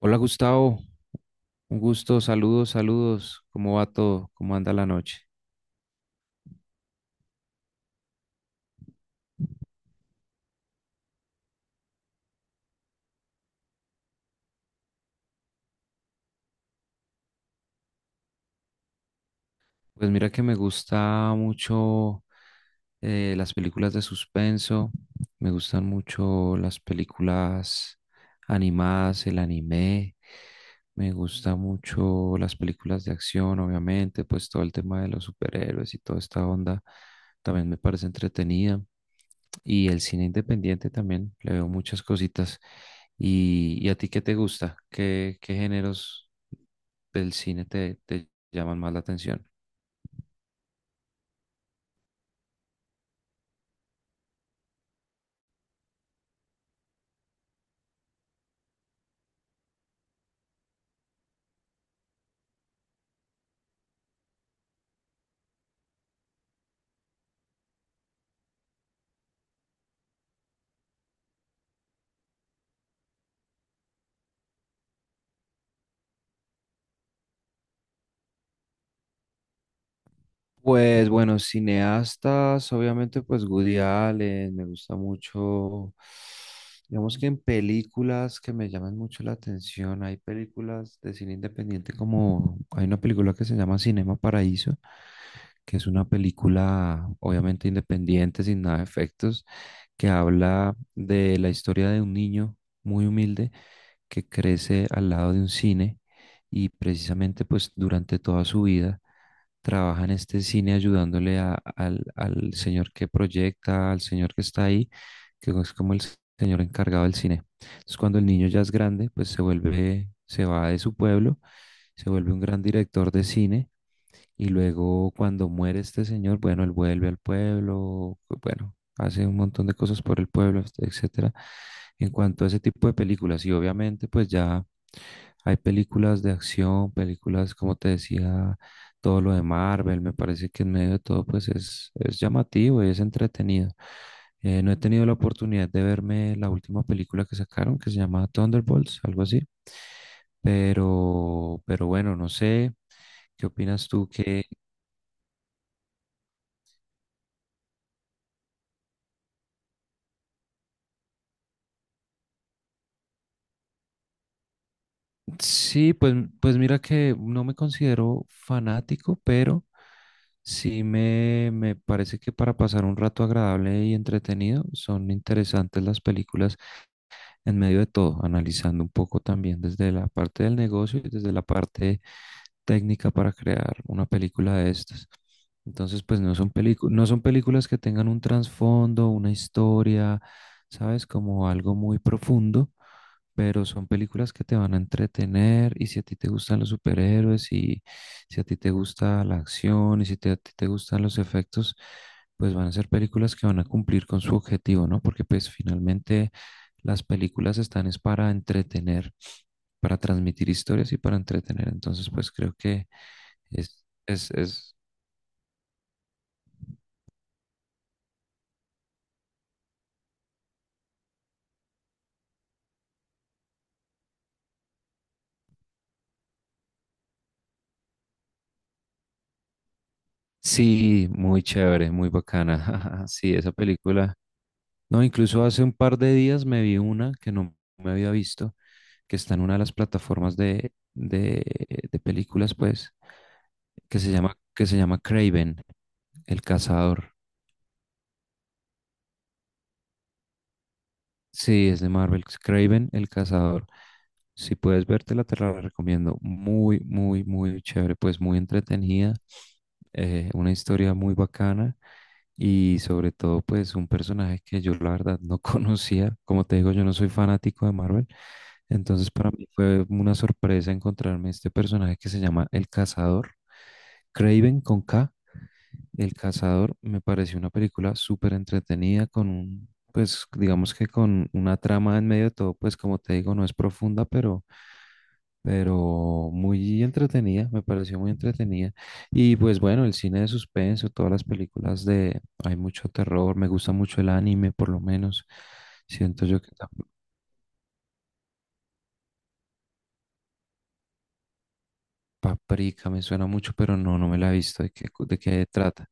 Hola Gustavo, un gusto, saludos, saludos. ¿Cómo va todo? ¿Cómo anda la noche? Pues mira que me gusta mucho las películas de suspenso, me gustan mucho las películas animadas, el anime, me gusta mucho las películas de acción, obviamente, pues todo el tema de los superhéroes y toda esta onda también me parece entretenida. Y el cine independiente también, le veo muchas cositas. ¿Y a ti qué te gusta? ¿Qué géneros del cine te llaman más la atención? Pues bueno, cineastas, obviamente, pues Woody Allen, me gusta mucho. Digamos que en películas que me llaman mucho la atención, hay películas de cine independiente como hay una película que se llama Cinema Paraíso, que es una película obviamente independiente, sin nada de efectos, que habla de la historia de un niño muy humilde que crece al lado de un cine y precisamente pues durante toda su vida trabaja en este cine ayudándole al señor que proyecta, al señor que está ahí, que es como el señor encargado del cine. Entonces, cuando el niño ya es grande, pues se vuelve, se va de su pueblo, se vuelve un gran director de cine y luego cuando muere este señor, bueno, él vuelve al pueblo, bueno, hace un montón de cosas por el pueblo, etcétera. En cuanto a ese tipo de películas, y obviamente pues ya hay películas de acción, películas, como te decía, todo lo de Marvel, me parece que en medio de todo pues es llamativo y es entretenido. No he tenido la oportunidad de verme la última película que sacaron, que se llama Thunderbolts, algo así. Pero bueno, no sé, ¿qué opinas tú que sí, pues, pues mira que no me considero fanático, pero sí me parece que para pasar un rato agradable y entretenido son interesantes las películas en medio de todo, analizando un poco también desde la parte del negocio y desde la parte técnica para crear una película de estas? Entonces, pues no son películas que tengan un trasfondo, una historia, ¿sabes? Como algo muy profundo, pero son películas que te van a entretener y si a ti te gustan los superhéroes y si a ti te gusta la acción y si te- a ti te gustan los efectos, pues van a ser películas que van a cumplir con su objetivo, ¿no? Porque pues finalmente las películas están es para entretener, para transmitir historias y para entretener. Entonces, pues creo que es, es, es, sí, muy chévere, muy bacana. Sí, esa película. No, incluso hace un par de días me vi una que no me había visto, que está en una de las plataformas de películas, pues, que se llama Craven, el cazador. Sí, es de Marvel, es Kraven el Cazador. Si puedes vértela, te la recomiendo. Muy, muy, muy chévere, pues muy entretenida. Una historia muy bacana y sobre todo, pues un personaje que yo la verdad no conocía. Como te digo, yo no soy fanático de Marvel. Entonces, para mí fue una sorpresa encontrarme este personaje que se llama El Cazador. Kraven con K. El Cazador me pareció una película súper entretenida con un, pues digamos que con una trama en medio de todo, pues como te digo, no es profunda, pero muy entretenida, me pareció muy entretenida. Y pues bueno, el cine de suspenso, todas las películas de, hay mucho terror, me gusta mucho el anime, por lo menos. Siento yo que la Paprika me suena mucho, pero no, no me la he visto. ¿De qué trata?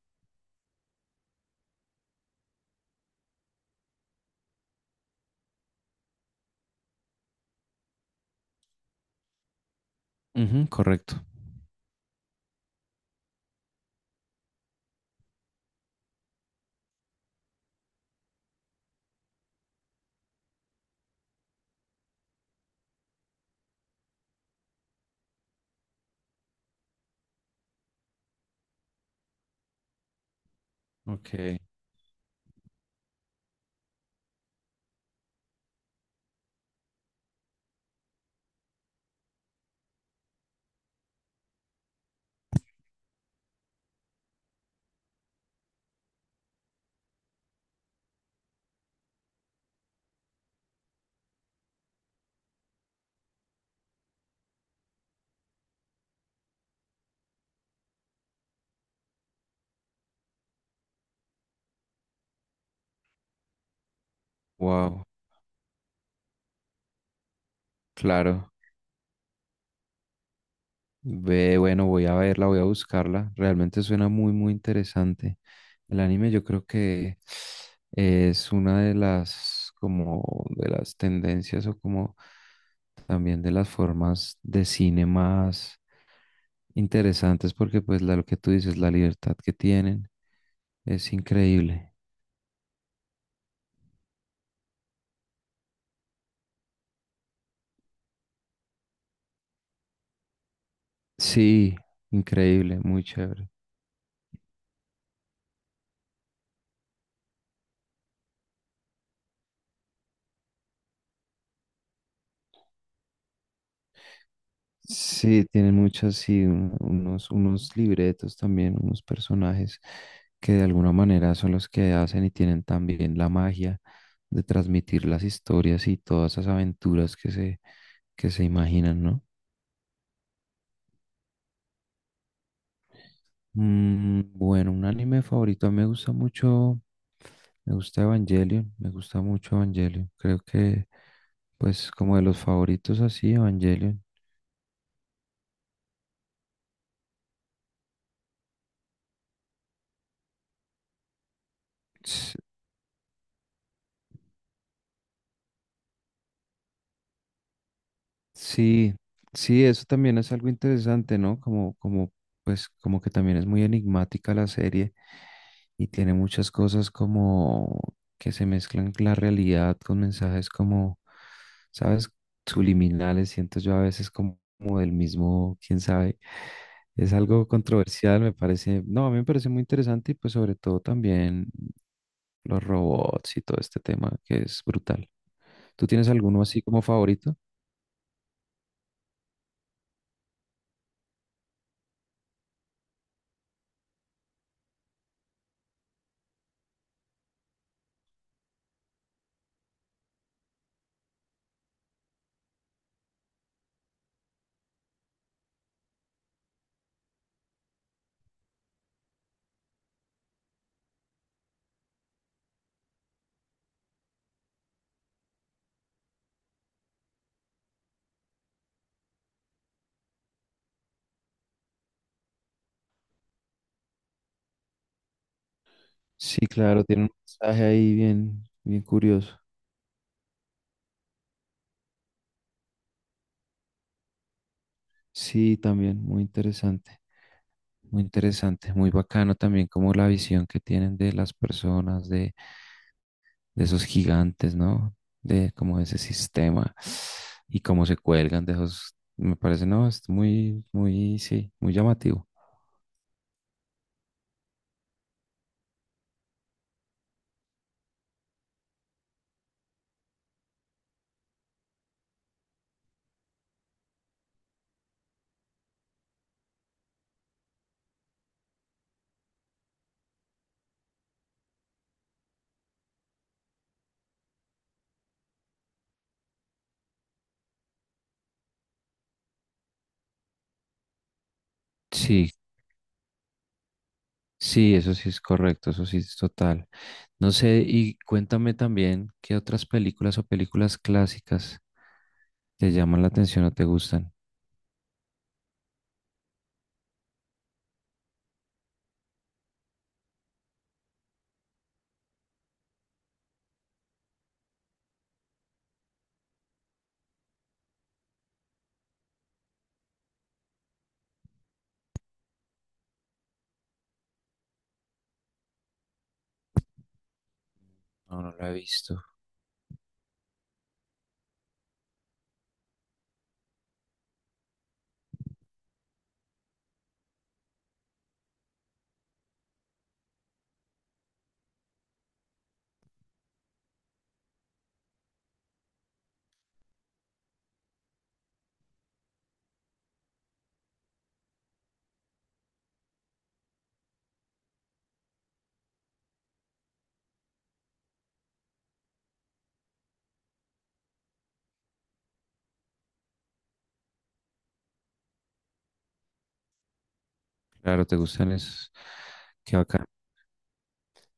Ujú, correcto. Ok, wow, claro. Ve, bueno, voy a verla, voy a buscarla. Realmente suena muy, muy interesante. El anime yo creo que es una de las, como, de las tendencias o como también de las formas de cine más interesantes porque pues lo que tú dices, la libertad que tienen es increíble. Sí, increíble, muy chévere. Sí, tiene muchas, sí, unos libretos también, unos personajes que de alguna manera son los que hacen y tienen también la magia de transmitir las historias y todas esas aventuras que se imaginan, ¿no? Mm, bueno, un anime favorito, a mí me gusta mucho, me gusta Evangelion, me gusta mucho Evangelion, creo que pues como de los favoritos así, Evangelion. Sí, sí, eso también es algo interesante, ¿no? Pues, como que también es muy enigmática la serie y tiene muchas cosas como que se mezclan la realidad con mensajes como, ¿sabes? Subliminales, siento yo a veces como, como del mismo, quién sabe. Es algo controversial, me parece. No, a mí me parece muy interesante y pues sobre todo también los robots y todo este tema que es brutal. ¿Tú tienes alguno así como favorito? Sí, claro, tiene un mensaje ahí bien, bien curioso. Sí, también, muy interesante, muy interesante, muy bacano también como la visión que tienen de las personas, de esos gigantes, ¿no? De como ese sistema y cómo se cuelgan de esos, me parece, no, es muy, muy, sí, muy llamativo. Sí, sí, eso sí es correcto, eso sí es total. No sé, y cuéntame también qué otras películas o películas clásicas te llaman la atención o te gustan. No, no la he visto. Claro, te gustan esos. Qué bacán.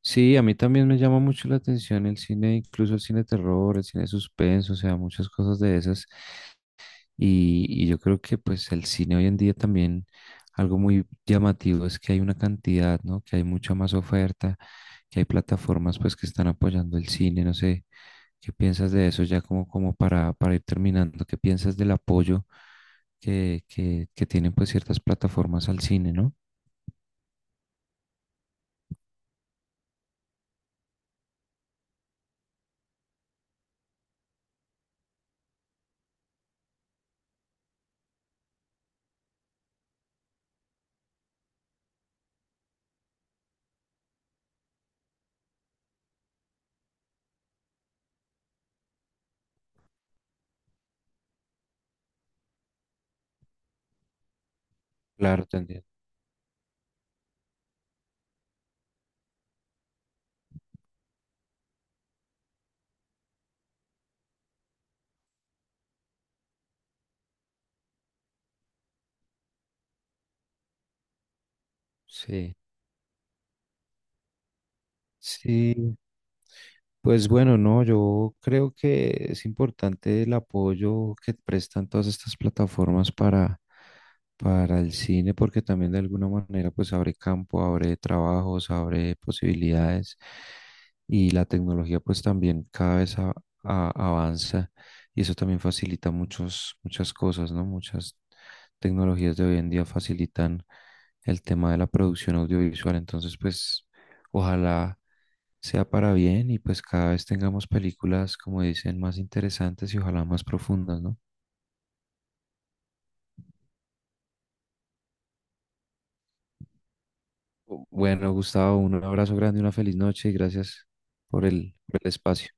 Sí, a mí también me llama mucho la atención el cine, incluso el cine de terror, el cine de suspenso, o sea, muchas cosas de esas. Y yo creo que pues el cine hoy en día también algo muy llamativo es que hay una cantidad, ¿no? Que hay mucha más oferta, que hay plataformas pues que están apoyando el cine, no sé, ¿qué piensas de eso ya como, como para ir terminando? ¿Qué piensas del apoyo que tienen pues ciertas plataformas al cine, ¿no? Claro, te entiendo. Sí, sí, pues bueno, no, yo creo que es importante el apoyo que prestan todas estas plataformas para el cine, porque también de alguna manera pues abre campo, abre trabajos, abre posibilidades y la tecnología pues también cada vez avanza y eso también facilita muchas cosas, ¿no? Muchas tecnologías de hoy en día facilitan el tema de la producción audiovisual, entonces pues ojalá sea para bien y pues cada vez tengamos películas, como dicen, más interesantes y ojalá más profundas, ¿no? Bueno, Gustavo, un abrazo grande, una feliz noche y gracias por el espacio.